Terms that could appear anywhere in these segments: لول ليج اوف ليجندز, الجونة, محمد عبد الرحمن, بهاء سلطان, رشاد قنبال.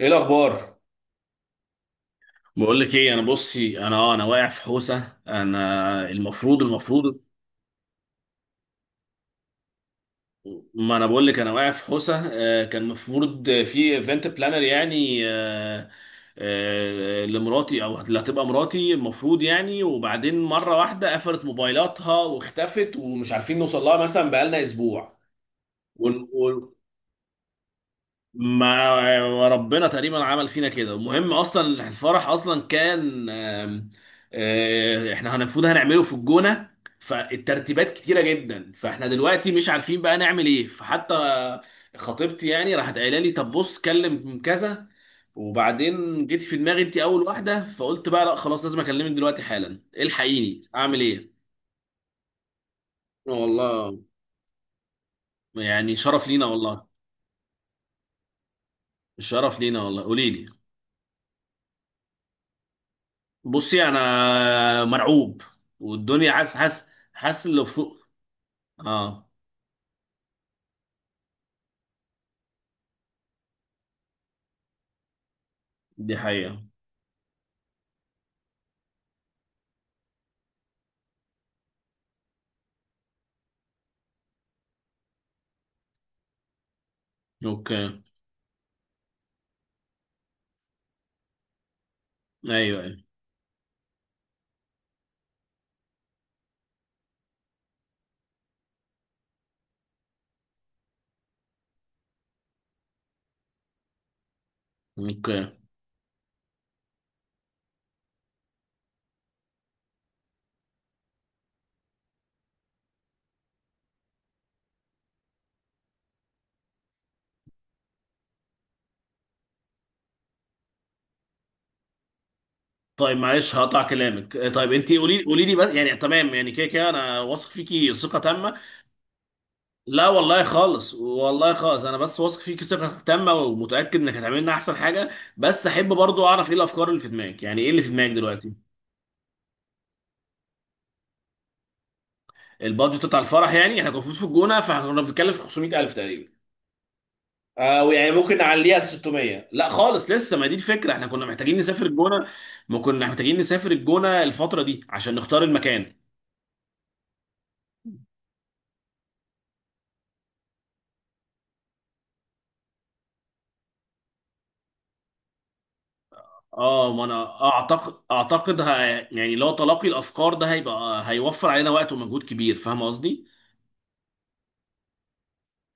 ايه الاخبار؟ بقول لك ايه، انا بصي، انا واقع في حوسه. انا المفروض المفروض. ما انا بقول لك انا واقع في حوسه. كان المفروض في ايفنت بلانر، يعني لمراتي او اللي هتبقى مراتي المفروض، يعني، وبعدين مره واحده قفلت موبايلاتها واختفت ومش عارفين نوصل لها مثلا بقالنا اسبوع. ما وربنا تقريبا عمل فينا كده. المهم اصلا الفرح اصلا كان احنا المفروض هنعمله في الجونه. فالترتيبات كتيره جدا، فاحنا دلوقتي مش عارفين بقى نعمل ايه. فحتى خطيبتي يعني راحت قايله لي طب بص كلم كذا، وبعدين جيت في دماغي انت اول واحده، فقلت بقى لا خلاص لازم اكلمك دلوقتي حالا. الحقيني اعمل ايه. والله يعني شرف لينا والله. الشرف لينا والله. قولي لي. بصي انا مرعوب. والدنيا حاسس حاسس حاسس اللي فوق. اه، دي حقيقة. اوكي. ايوه، ايوه. اوكي. طيب معلش هقطع كلامك. طيب انت قولي قولي لي بس. يعني تمام، يعني كده كده انا واثق فيكي ثقة تامة. لا والله خالص، والله خالص، انا بس واثق فيكي ثقة تامة ومتأكد انك هتعملي لنا احسن حاجة. بس احب برضو اعرف ايه الافكار اللي في دماغك، يعني ايه اللي في دماغك دلوقتي. البادجت بتاع الفرح يعني احنا كنا المفروض في الجونة، فاحنا كنا بنتكلم في 500,000 تقريبا. يعني ممكن نعليها ل 600. لا خالص لسه، ما دي الفكره، احنا كنا محتاجين نسافر الجونه. ما كنا محتاجين نسافر الجونه الفتره دي عشان نختار المكان. اه، ما انا اعتقد، يعني لو تلاقي الافكار ده هيوفر علينا وقت ومجهود كبير، فاهم قصدي.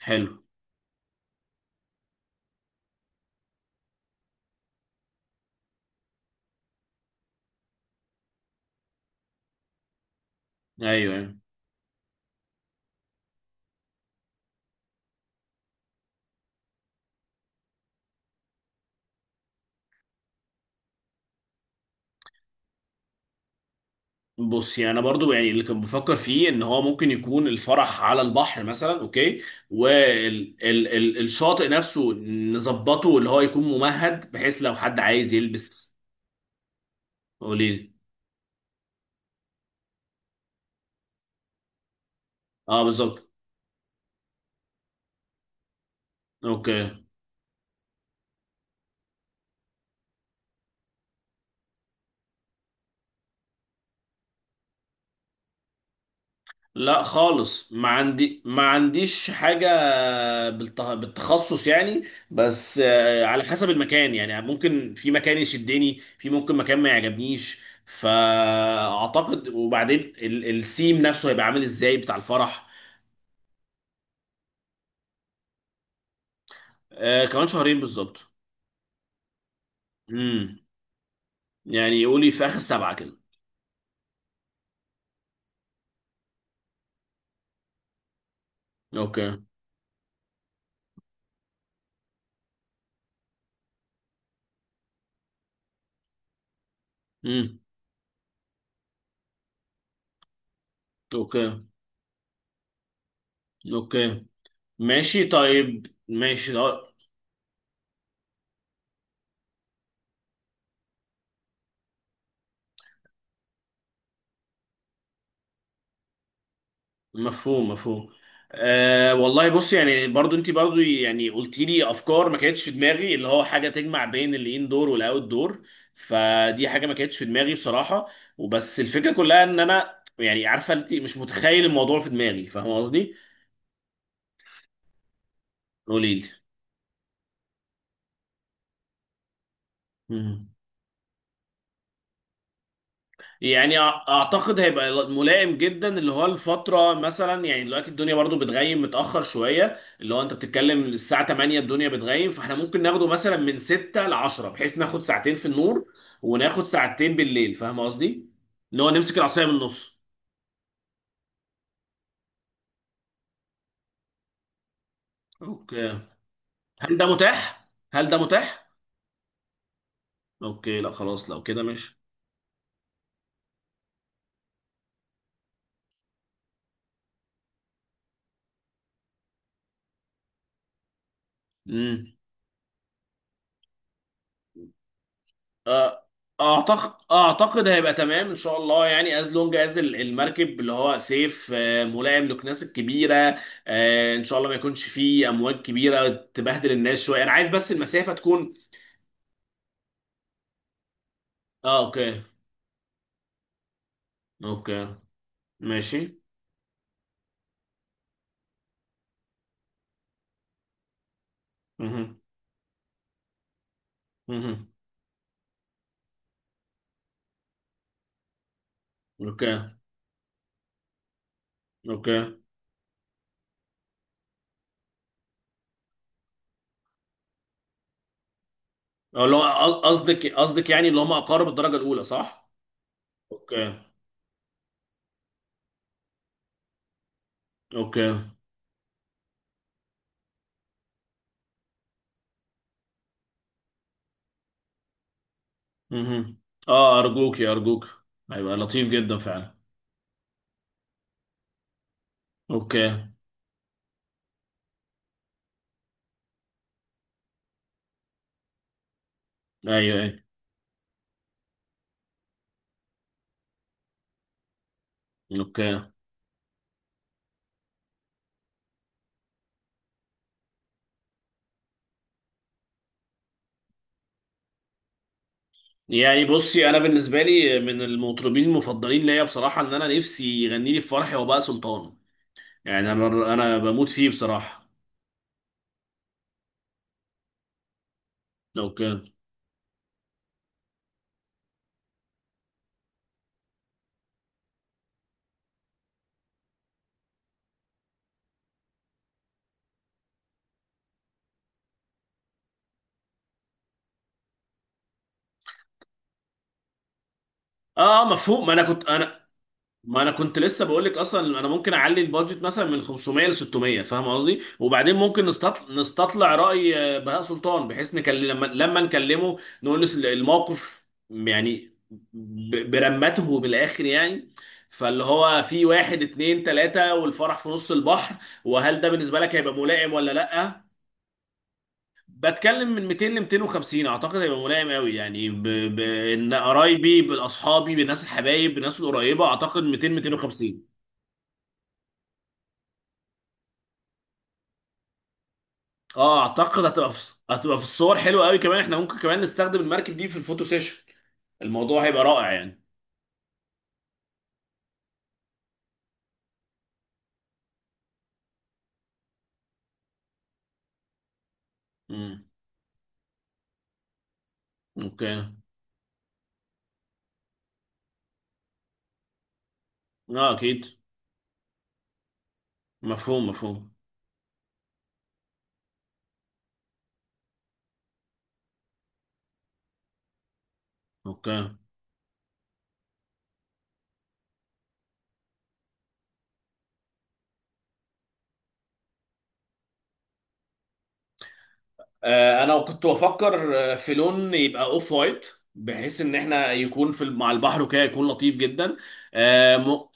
حلو. ايوه، ايوه. بص يعني انا برضو، يعني اللي كنت بفكر فيه ان هو ممكن يكون الفرح على البحر مثلا، اوكي، والشاطئ نفسه نظبطه اللي هو يكون ممهد بحيث لو حد عايز يلبس. قولي. اه، بالظبط. اوكي. لا خالص، ما عنديش حاجة بالتخصص يعني. بس على حسب المكان، يعني ممكن في مكان يشدني، في ممكن مكان ما يعجبنيش. فأعتقد، وبعدين السيم نفسه هيبقى عامل ازاي بتاع الفرح. كمان شهرين بالظبط. امم يعني يقولي في آخر سبعة كده. اوكي. امم اوكي. اوكي، ماشي، طيب، ماشي، اه. مفهوم، مفهوم. أه والله، بص يعني برضو، انت برضو يعني قلت لي افكار ما كانتش في دماغي اللي هو حاجه تجمع بين الان دور والاوت دور. فدي حاجه ما كانتش في دماغي بصراحه. وبس الفكره كلها ان انا يعني عارفه انت مش متخيل الموضوع في دماغي، فاهم قصدي. قولي لي. يعني اعتقد هيبقى ملائم جدا، اللي هو الفتره مثلا، يعني دلوقتي الدنيا برضو بتغيم متاخر شويه، اللي هو انت بتتكلم الساعه 8 الدنيا بتغيم، فاحنا ممكن ناخده مثلا من 6 ل 10 بحيث ناخد ساعتين في النور وناخد ساعتين بالليل، فاهم قصدي، اللي هو نمسك العصايه من النص. اوكي. هل ده متاح هل ده متاح؟ اوكي، لا خلاص لو كده. ماشي. آه، اعتقد، هيبقى تمام ان شاء الله. يعني از لونج از المركب اللي هو سيف ملائم للناس الكبيره. ان شاء الله ما يكونش فيه امواج كبيره تبهدل الناس شويه. انا عايز بس المسافه تكون. اه، اوكي. اوكي، ماشي. مه. مه. اوكي. اوكي. اللي هو قصدك، يعني اللي هم اقارب الدرجه الاولى، صح؟ اوكي. اوكي. مه. اه، ارجوك، يا ارجوك. هيبقى لطيف جدا فعلا. اوكي. ايوه، ايوه. اوكي. يعني بصي، انا بالنسبه لي من المطربين المفضلين ليا بصراحه ان انا نفسي يغني لي في فرحي وباء سلطان. يعني انا، بموت فيه بصراحه. لو كان. اه، مفهوم. ما انا كنت لسه بقول لك، اصلا انا ممكن اعلي البادجت مثلا من 500 ل 600، فاهم قصدي. وبعدين ممكن نستطلع راي بهاء سلطان، بحيث نكلم، لما نكلمه نقول له الموقف، يعني برمته من الاخر يعني. فاللي هو في واحد اتنين تلاتة، والفرح في نص البحر. وهل ده بالنسبة لك هيبقى ملائم ولا لأ؟ بتكلم من 200 ل 250، اعتقد هيبقى ملائم قوي. يعني بان قرايبي، باصحابي، بالناس الحبايب، بالناس القريبة، اعتقد 200 250. اه، اعتقد هتبقى في الصور حلوه قوي. كمان احنا ممكن كمان نستخدم المركب دي في الفوتو سيشن. الموضوع هيبقى رائع يعني. امم اوكي. اه، اكيد. مفهوم، مفهوم. اوكي. آه، انا كنت بفكر في لون يبقى اوف وايت، بحيث ان احنا يكون في مع البحر وكده يكون لطيف جدا. آه.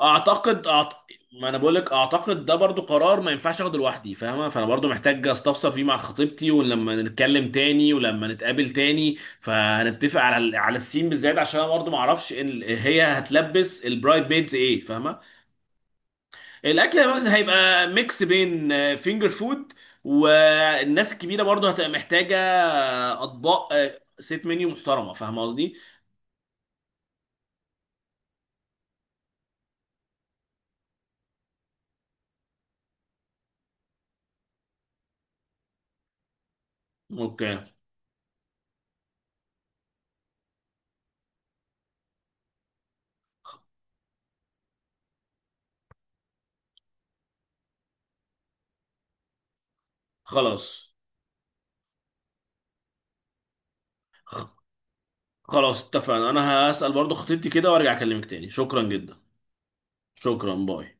اعتقد، ما انا بقول لك، اعتقد ده برضو قرار ما ينفعش اخده لوحدي، فاهمه. فانا برضو محتاج استفسر فيه مع خطيبتي، ولما نتكلم تاني ولما نتقابل تاني، فهنتفق على على السين بالذات، عشان انا برضو ما اعرفش هي هتلبس البرايد بيدز ايه، فاهمه. الاكل هيبقى ميكس بين فينجر فود، والناس الكبيره برضو هتبقى محتاجه اطباق، سيت منيو محترمه، فاهمه قصدي. اوكي. خلاص، خلاص اتفقنا، انا هسأل برضو خطيبتي كده وارجع اكلمك تاني. شكرا جدا. شكرا، باي.